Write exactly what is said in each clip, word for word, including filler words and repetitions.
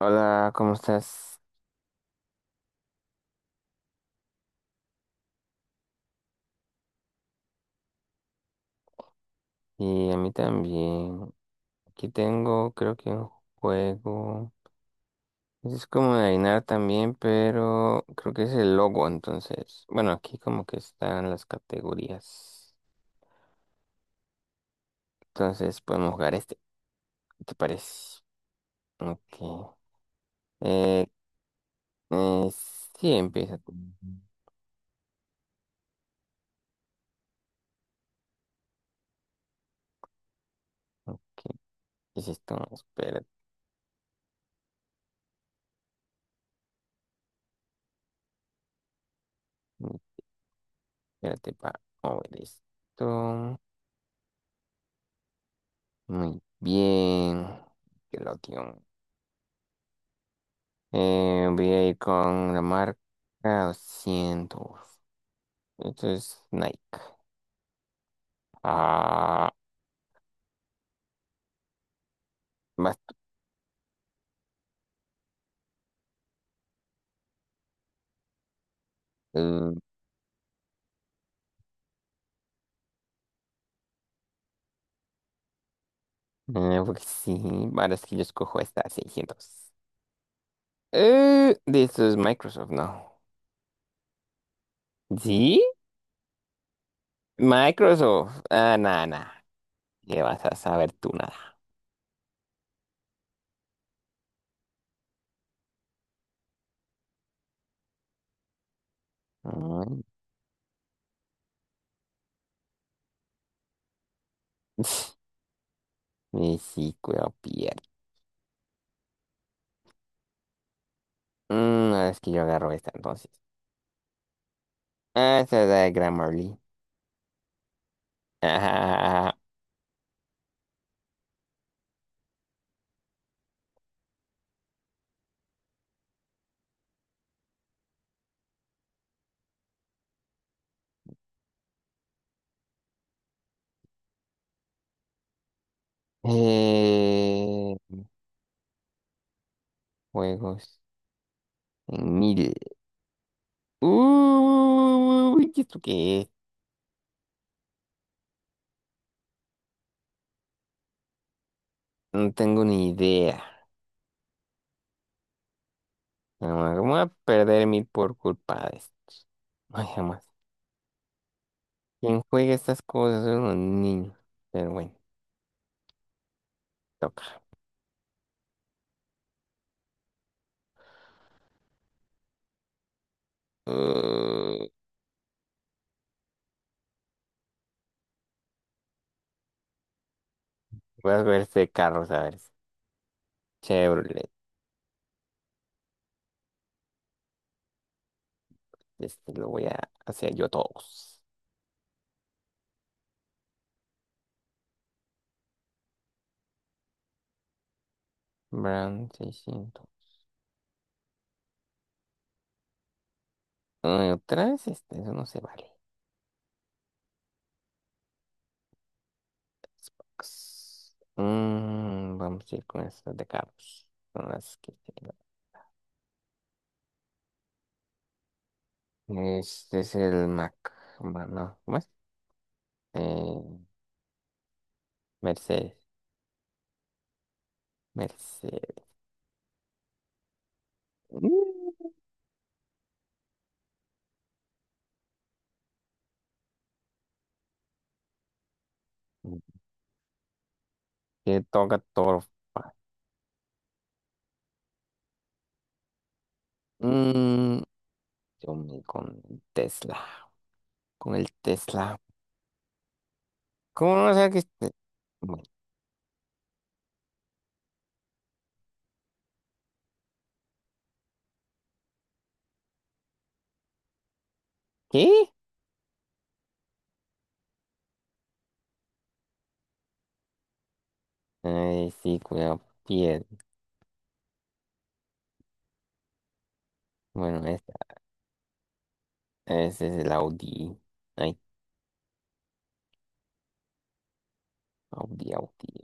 Hola, ¿cómo estás? Y a mí también. Aquí tengo, creo que un juego. Es como de adivinar también, pero creo que es el logo, entonces. Bueno, aquí como que están las categorías. Entonces podemos jugar este, ¿te parece? Ok. Eh, eh, sí, empieza tú. ¿Qué es esto? Espérate, espérate para mover esto. Muy bien. Que lo tío. Eh, voy a ir con la marca doscientos. Esto es Nike. Ah, vas tú. Eh, porque sí, ahora es que yo escojo esta seiscientos. Eh, de esto es Microsoft, ¿no? ¿Sí? Microsoft. Ah, nada, nada. ¿Qué vas a saber tú nada? Mm. Y sí, cuidado, pierde. Mm, ahora es que yo agarro esta entonces. Ah, esta es la de Grammarly. Ajá. Eh, Juegos. En mil. Uy, ¿y ¿esto qué es? No tengo ni idea. Jamás me voy a perder mil por culpa de esto. Ay, jamás. ¿Quién juega estas cosas? Son los niños. Pero bueno, toca. Uh, Voy a ver este carro, a ver. Chevrolet. Este lo voy a hacer yo todos. Brown seiscientos. Ay, otra vez este, eso no se vale. X. Mm, vamos a ir con estas de carros. Con las que tengo. Este es el Mac. Ma- No, ¿cómo es? Eh, Mercedes. Mercedes. Mm, Que toca todo. Mm, yo me con el Tesla. Con el Tesla. ¿Cómo no sé que este- Bueno. ¿Qué? Ay, sí, cuidado. Piel. Bueno, esta. Ese es el Audi. Ay, Audi, Audi.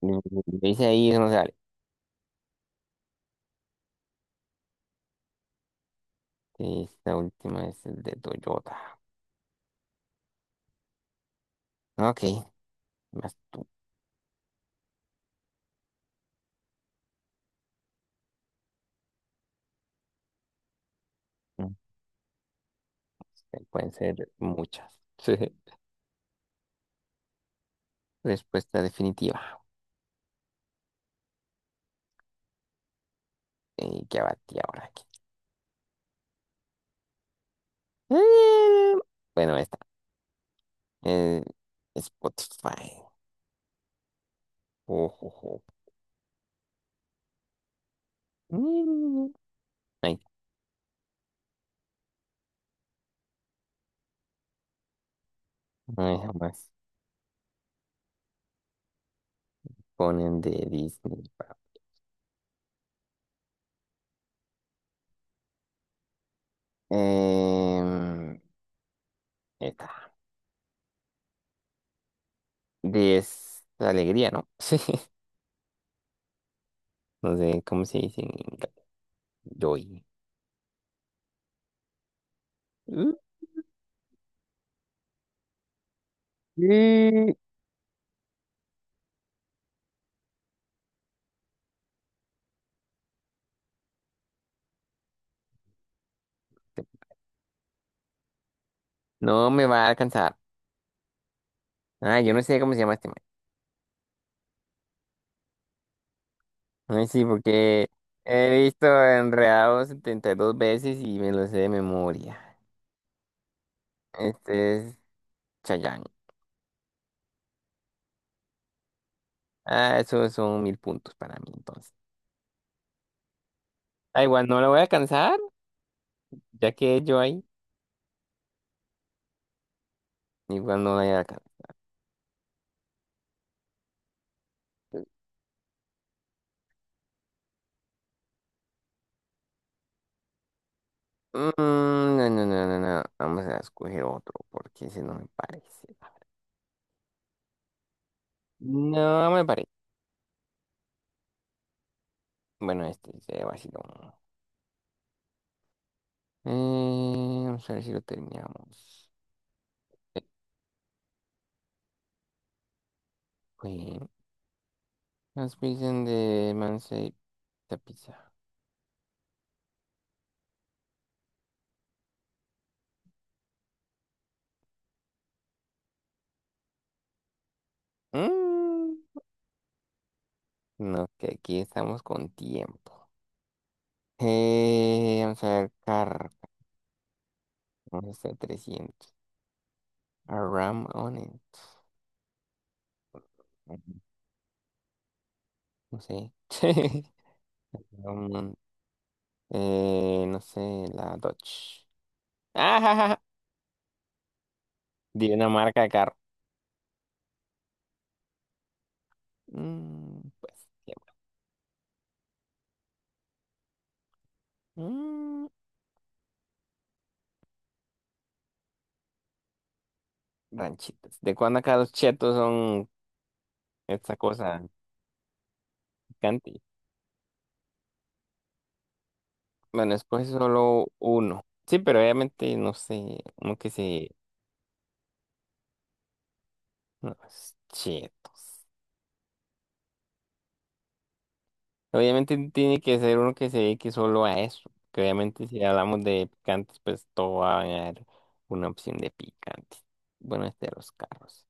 Mm, Dice ahí, eso no sale. Esta última es el de Toyota. Ok, vas tú. Eh, Pueden ser muchas. Respuesta definitiva. Eh, ¿qué abatí ahora aquí? Eh, bueno, esta. Eh, Spotify. Ojo. Mm, Ay, ay, jamás ponen de Disney, pa. Em, Esta. De es- alegría, ¿no? Sí. No sé cómo se dice en inglés. Joy. Uh, eh, No me va a alcanzar. Ah, yo no sé cómo se llama este. Ay, sí, porque he visto Enredados setenta y dos veces y me lo sé de memoria. Este es Chayanne. Ah, esos son mil puntos para mí, entonces. Ah, igual no la voy a alcanzar, ya que yo ahí, igual no la voy a alcanzar. Mm, no, no, no, no, no. Vamos a escoger otro, porque ese no me parece. No me parece. Bueno, este se vaciló. Eh, vamos a ver si lo terminamos. Eh, Las pizzas de Mansell. La pizza. Mm, no, que aquí estamos con tiempo. Eh, vamos a ver, car. Vamos a hacer trescientos. A ram on it. Mm, No sé. Ram on- eh, no sé, la Dodge. Ajá. Di una marca de carro. Mm, pues, ya. Mm, Ranchitas. ¿De cuándo acá los chetos son esta cosa picante? Bueno, escoge solo uno. Sí, pero obviamente, no sé, uno que se. No, es chetos. Obviamente tiene que ser uno que se dedique solo a eso. Que obviamente si hablamos de picantes, pues todo va a haber una opción de picante. Bueno, este de los carros.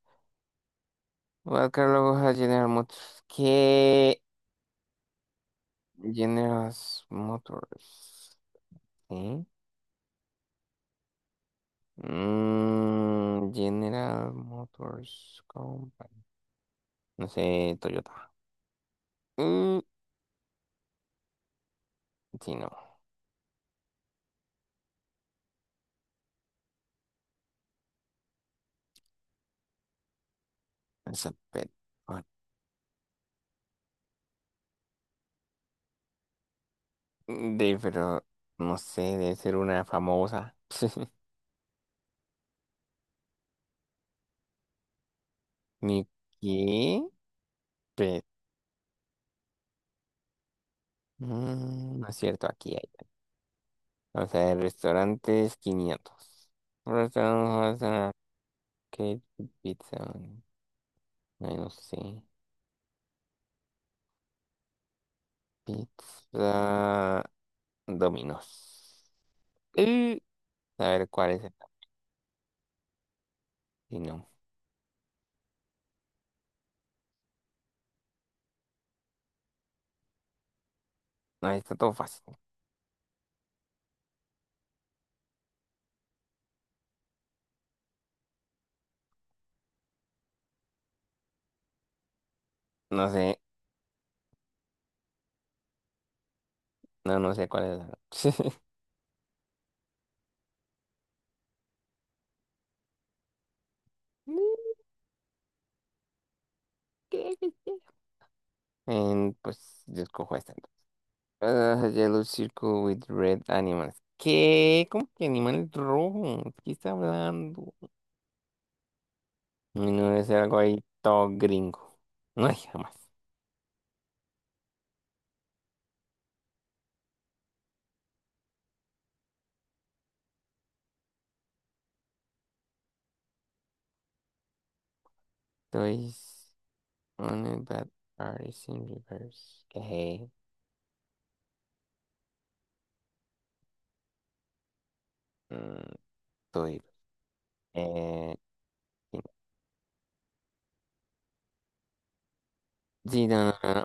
Voy a buscar luego a General Motors. ¿Qué? General Motors. ¿Sí? Mm, General Motors Company. No sé, Toyota. Mm, sí, no. Esa pe- ah. De, pero no sé, debe ser una famosa. ¿Ni qué? Pe- mm, no es cierto, aquí hay. Vamos a ver, restaurantes quinientos. Restaurantes, ah, ¿qué pizza? Ay, no sé. Pizza Domino's. Eh, a ver, ¿cuál es esta? Y no, no, está todo fácil. No sé, no, no sé cuál es la. ¿Qué? ¿Qué? ¿Qué? Eh, pues yo escojo esta. Ah, yellow circle with red animals. ¿Qué? ¿Cómo que animales rojos? ¿De ¿Qué está hablando? Y no debe ser algo ahí todo gringo. No hay jamás. Estoy on a bad artist in reverse. ¿Qué? Mm, Estoy. Eh, sí, sí, no, no, no.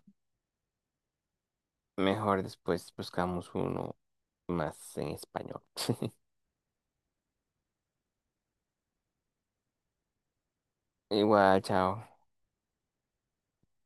Mejor después buscamos uno más en español. Igual, chao.